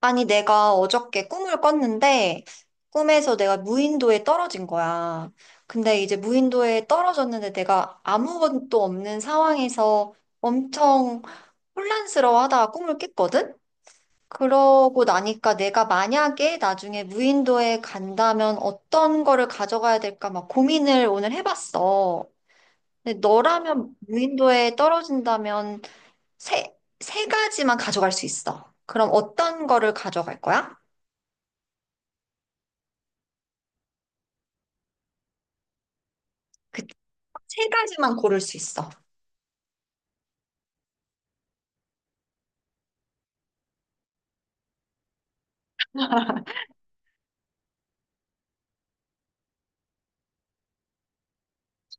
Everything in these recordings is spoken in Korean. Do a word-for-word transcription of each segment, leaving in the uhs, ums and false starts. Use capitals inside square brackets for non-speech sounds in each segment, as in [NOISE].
아니, 내가 어저께 꿈을 꿨는데, 꿈에서 내가 무인도에 떨어진 거야. 근데 이제 무인도에 떨어졌는데 내가 아무것도 없는 상황에서 엄청 혼란스러워하다가 꿈을 깼거든? 그러고 나니까 내가 만약에 나중에 무인도에 간다면 어떤 거를 가져가야 될까 막 고민을 오늘 해봤어. 근데 너라면 무인도에 떨어진다면 세, 세 가지만 가져갈 수 있어. 그럼 어떤 거를 가져갈 거야? 그 세 가지만 고를 수 있어.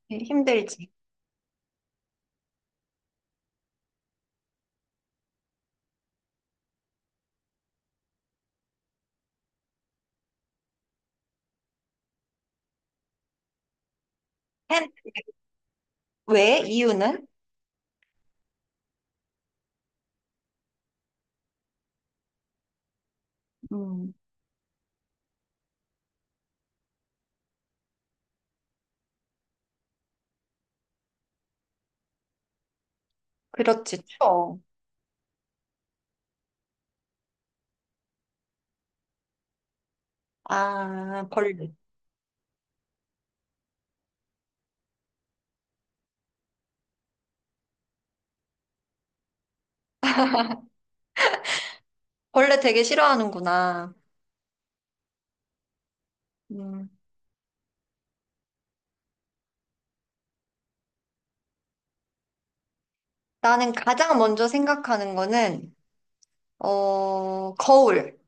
네, 힘들지. 햄. 왜? 이유는? 음, 그렇지, 추워. 아, 벌레. 벌레 되게 싫어하는구나. 음, 나는 가장 먼저 생각하는 거는, 어, 거울.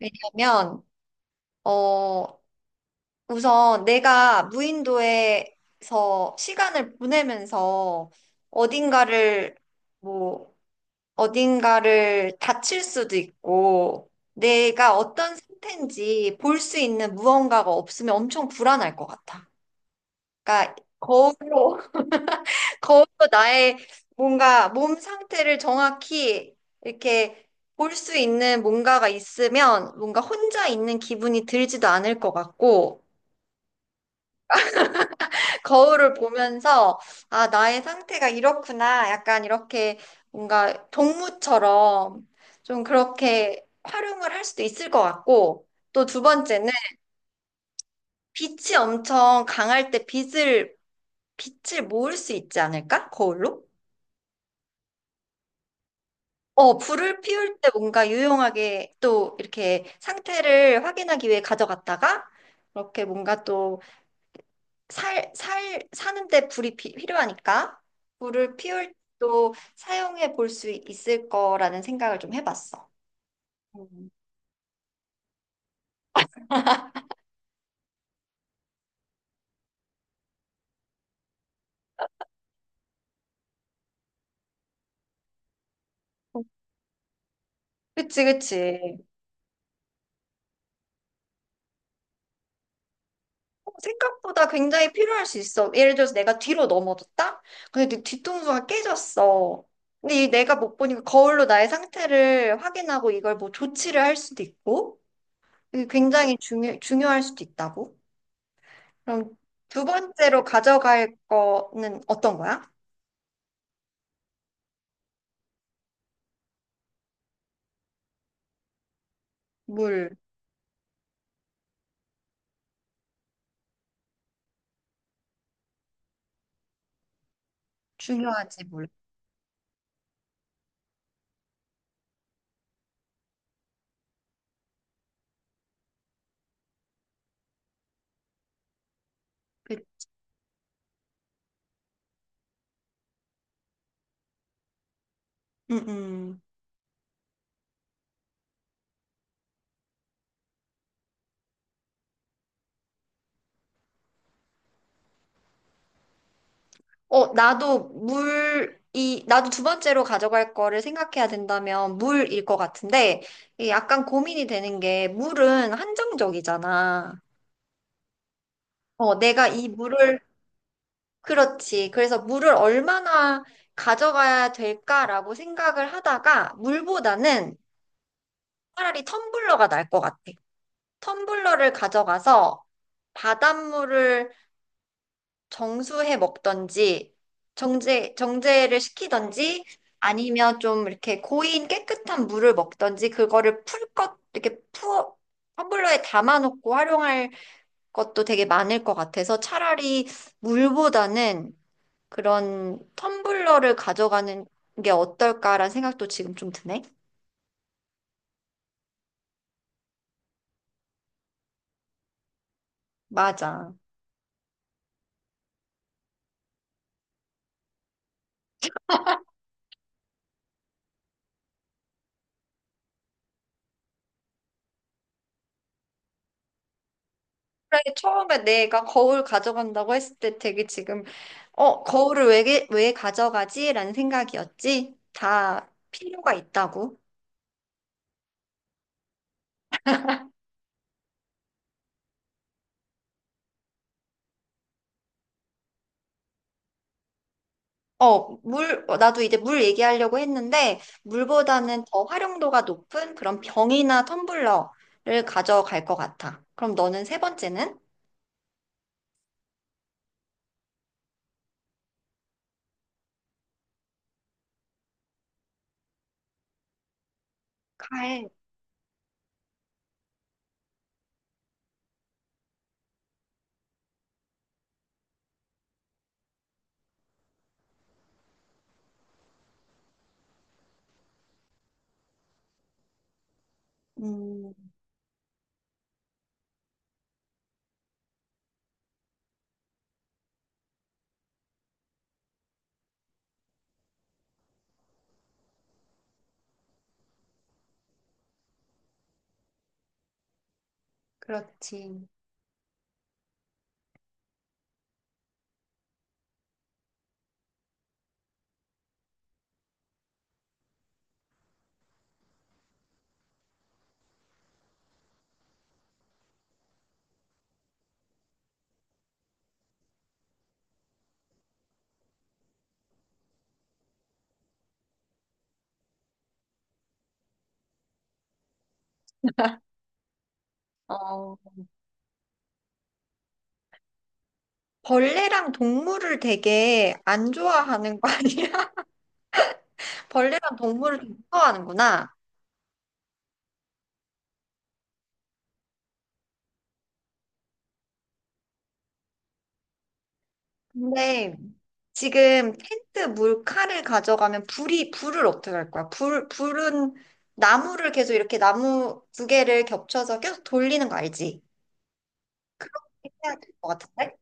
왜냐면, 어, 우선 내가 무인도에서 시간을 보내면서 어딘가를 뭐, 어딘가를 다칠 수도 있고, 내가 어떤 상태인지 볼 수 있는 무언가가 없으면 엄청 불안할 것 같아. 그러니까 거울로, [LAUGHS] 거울로 나의 뭔가 몸 상태를 정확히 이렇게 볼 수 있는 뭔가가 있으면 뭔가 혼자 있는 기분이 들지도 않을 것 같고, 거울을 보면서, 아, 나의 상태가 이렇구나. 약간 이렇게 뭔가 동무처럼 좀 그렇게 활용을 할 수도 있을 것 같고, 또 두 번째는 빛이 엄청 강할 때 빛을, 빛을 모을 수 있지 않을까? 거울로? 어, 불을 피울 때 뭔가 유용하게 또 이렇게 상태를 확인하기 위해 가져갔다가, 이렇게 뭔가 또 살, 살, 사는데 불이 피- 필요하니까 불을 피울 또 사용해 볼 수 있을 거라는 생각을 좀 해봤어. 음. 그치, 그치. 어, 생각보다 굉장히 필요할 수 있어. 예를 들어서 내가 뒤로 넘어졌다? 근데 내 뒤통수가 깨졌어. 근데 이 내가 못 보니까 거울로 나의 상태를 확인하고 이걸 뭐 조치를 할 수도 있고, 이게 굉장히 중요, 중요할 수도 있다고. 그럼 두 번째로 가져갈 거는 어떤 거야? 물 중요하지, 물. 그- 음, 음. 어, 나도 물이, 나도 두 번째로 가져갈 거를 생각해야 된다면 물일 것 같은데, 이게 약간 고민이 되는 게, 물은 한정적이잖아. 어, 내가 이 물을, 그렇지. 그래서 물을 얼마나 가져가야 될까라고 생각을 하다가, 물보다는 차라리 텀블러가 날 것 같아. 텀블러를 가져가서 바닷물을 정수해 먹던지 정제 정제를 시키던지 아니면 좀 이렇게 고인 깨끗한 물을 먹던지 그거를 풀 것 이렇게 푸어 텀블러에 담아놓고 활용할 것도 되게 많을 것 같아서 차라리 물보다는 그런 텀블러를 가져가는 게 어떨까라는 생각도 지금 좀 드네. 맞아. 그래, 처음에 내가 거울 가져간다고 했을 때 되게 지금, 어, 거울을 왜, 왜 가져가지? 라는 생각이었지. 다 필요가 있다고. 어, 물, 어, 나도 이제 물 얘기하려고 했는데, 물보다는 더 활용도가 높은 그런 병이나 텀블러를 가져갈 것 같아. 그럼 너는 세 번째는? 가해. 음, 그렇지. 어, 벌레랑 동물을 되게 안 좋아하는 거 아니야? [LAUGHS] 벌레랑 동물을 좀 무서워하는구나. 근데 지금 텐트 물칼을 가져가면 불이, 불을 어떻게 할 거야? 불, 불은 나무를 계속 이렇게 나무 두 개를 겹쳐서 계속 돌리는 거 알지? 해야 될 것 같은데?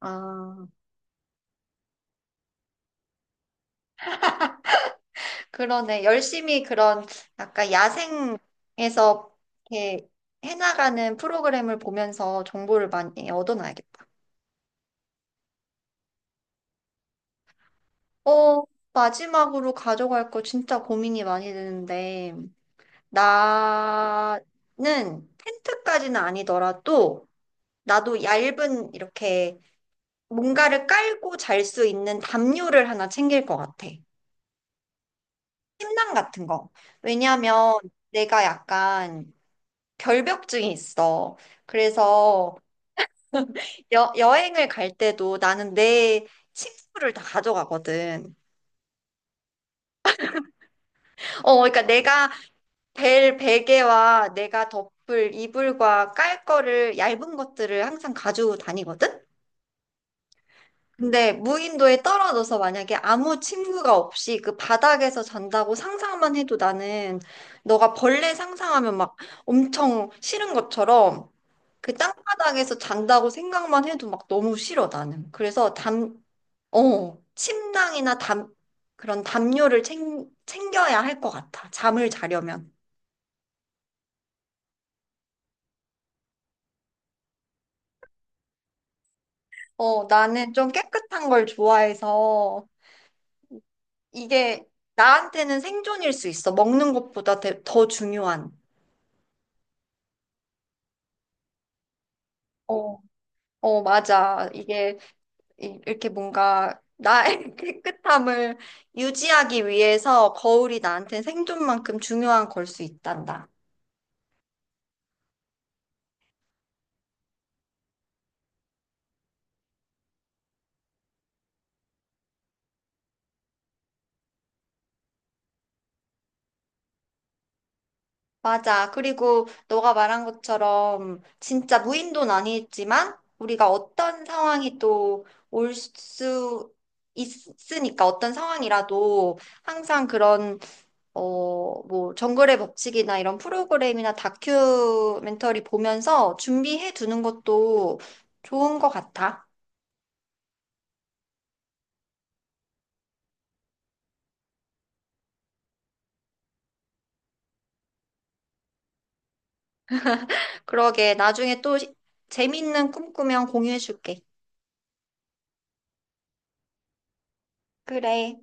아, 그러네. 열심히 그런 약간 야생에서 이렇게 해나가는 프로그램을 보면서 정보를 많이 얻어놔야겠다. 어, 마지막으로 가져갈 거 진짜 고민이 많이 되는데, 나는 텐트까지는 아니더라도, 나도 얇은 이렇게 뭔가를 깔고 잘 수 있는 담요를 하나 챙길 것 같아. 침낭 같은 거. 왜냐하면 내가 약간 결벽증이 있어. 그래서 여, 여행을 갈 때도 나는 내 침구를 다 가져가거든. 어, 그러니까 내가 벨 베개와 내가 덮을 이불과 깔 거를 얇은 것들을 항상 가지고 다니거든. 근데 무인도에 떨어져서 만약에 아무 친구가 없이 그 바닥에서 잔다고 상상만 해도 나는 너가 벌레 상상하면 막 엄청 싫은 것처럼 그 땅바닥에서 잔다고 생각만 해도 막 너무 싫어 나는. 그래서 담, 어, 침낭이나 담, 그런 담요를 챙, 챙겨야 할 것 같아. 잠을 자려면. 어, 나는 좀 깨끗한 걸 좋아해서 이게 나한테는 생존일 수 있어. 먹는 것보다 더 더 중요한. 어. 어, 맞아. 이게 이- 이렇게 뭔가 나의 [LAUGHS] 깨끗함을 유지하기 위해서 거울이 나한테 생존만큼 중요한 걸 수 있단다. 맞아. 그리고 너가 말한 것처럼 진짜 무인도는 아니지만 우리가 어떤 상황이 또 올 수 있으니까 어떤 상황이라도 항상 그런 어, 뭐, 정글의 법칙이나 이런 프로그램이나 다큐멘터리 보면서 준비해 두는 것도 좋은 것 같아. 그러게, 나중에 또 시- 재밌는 꿈 꾸면 공유해 줄게. 그래.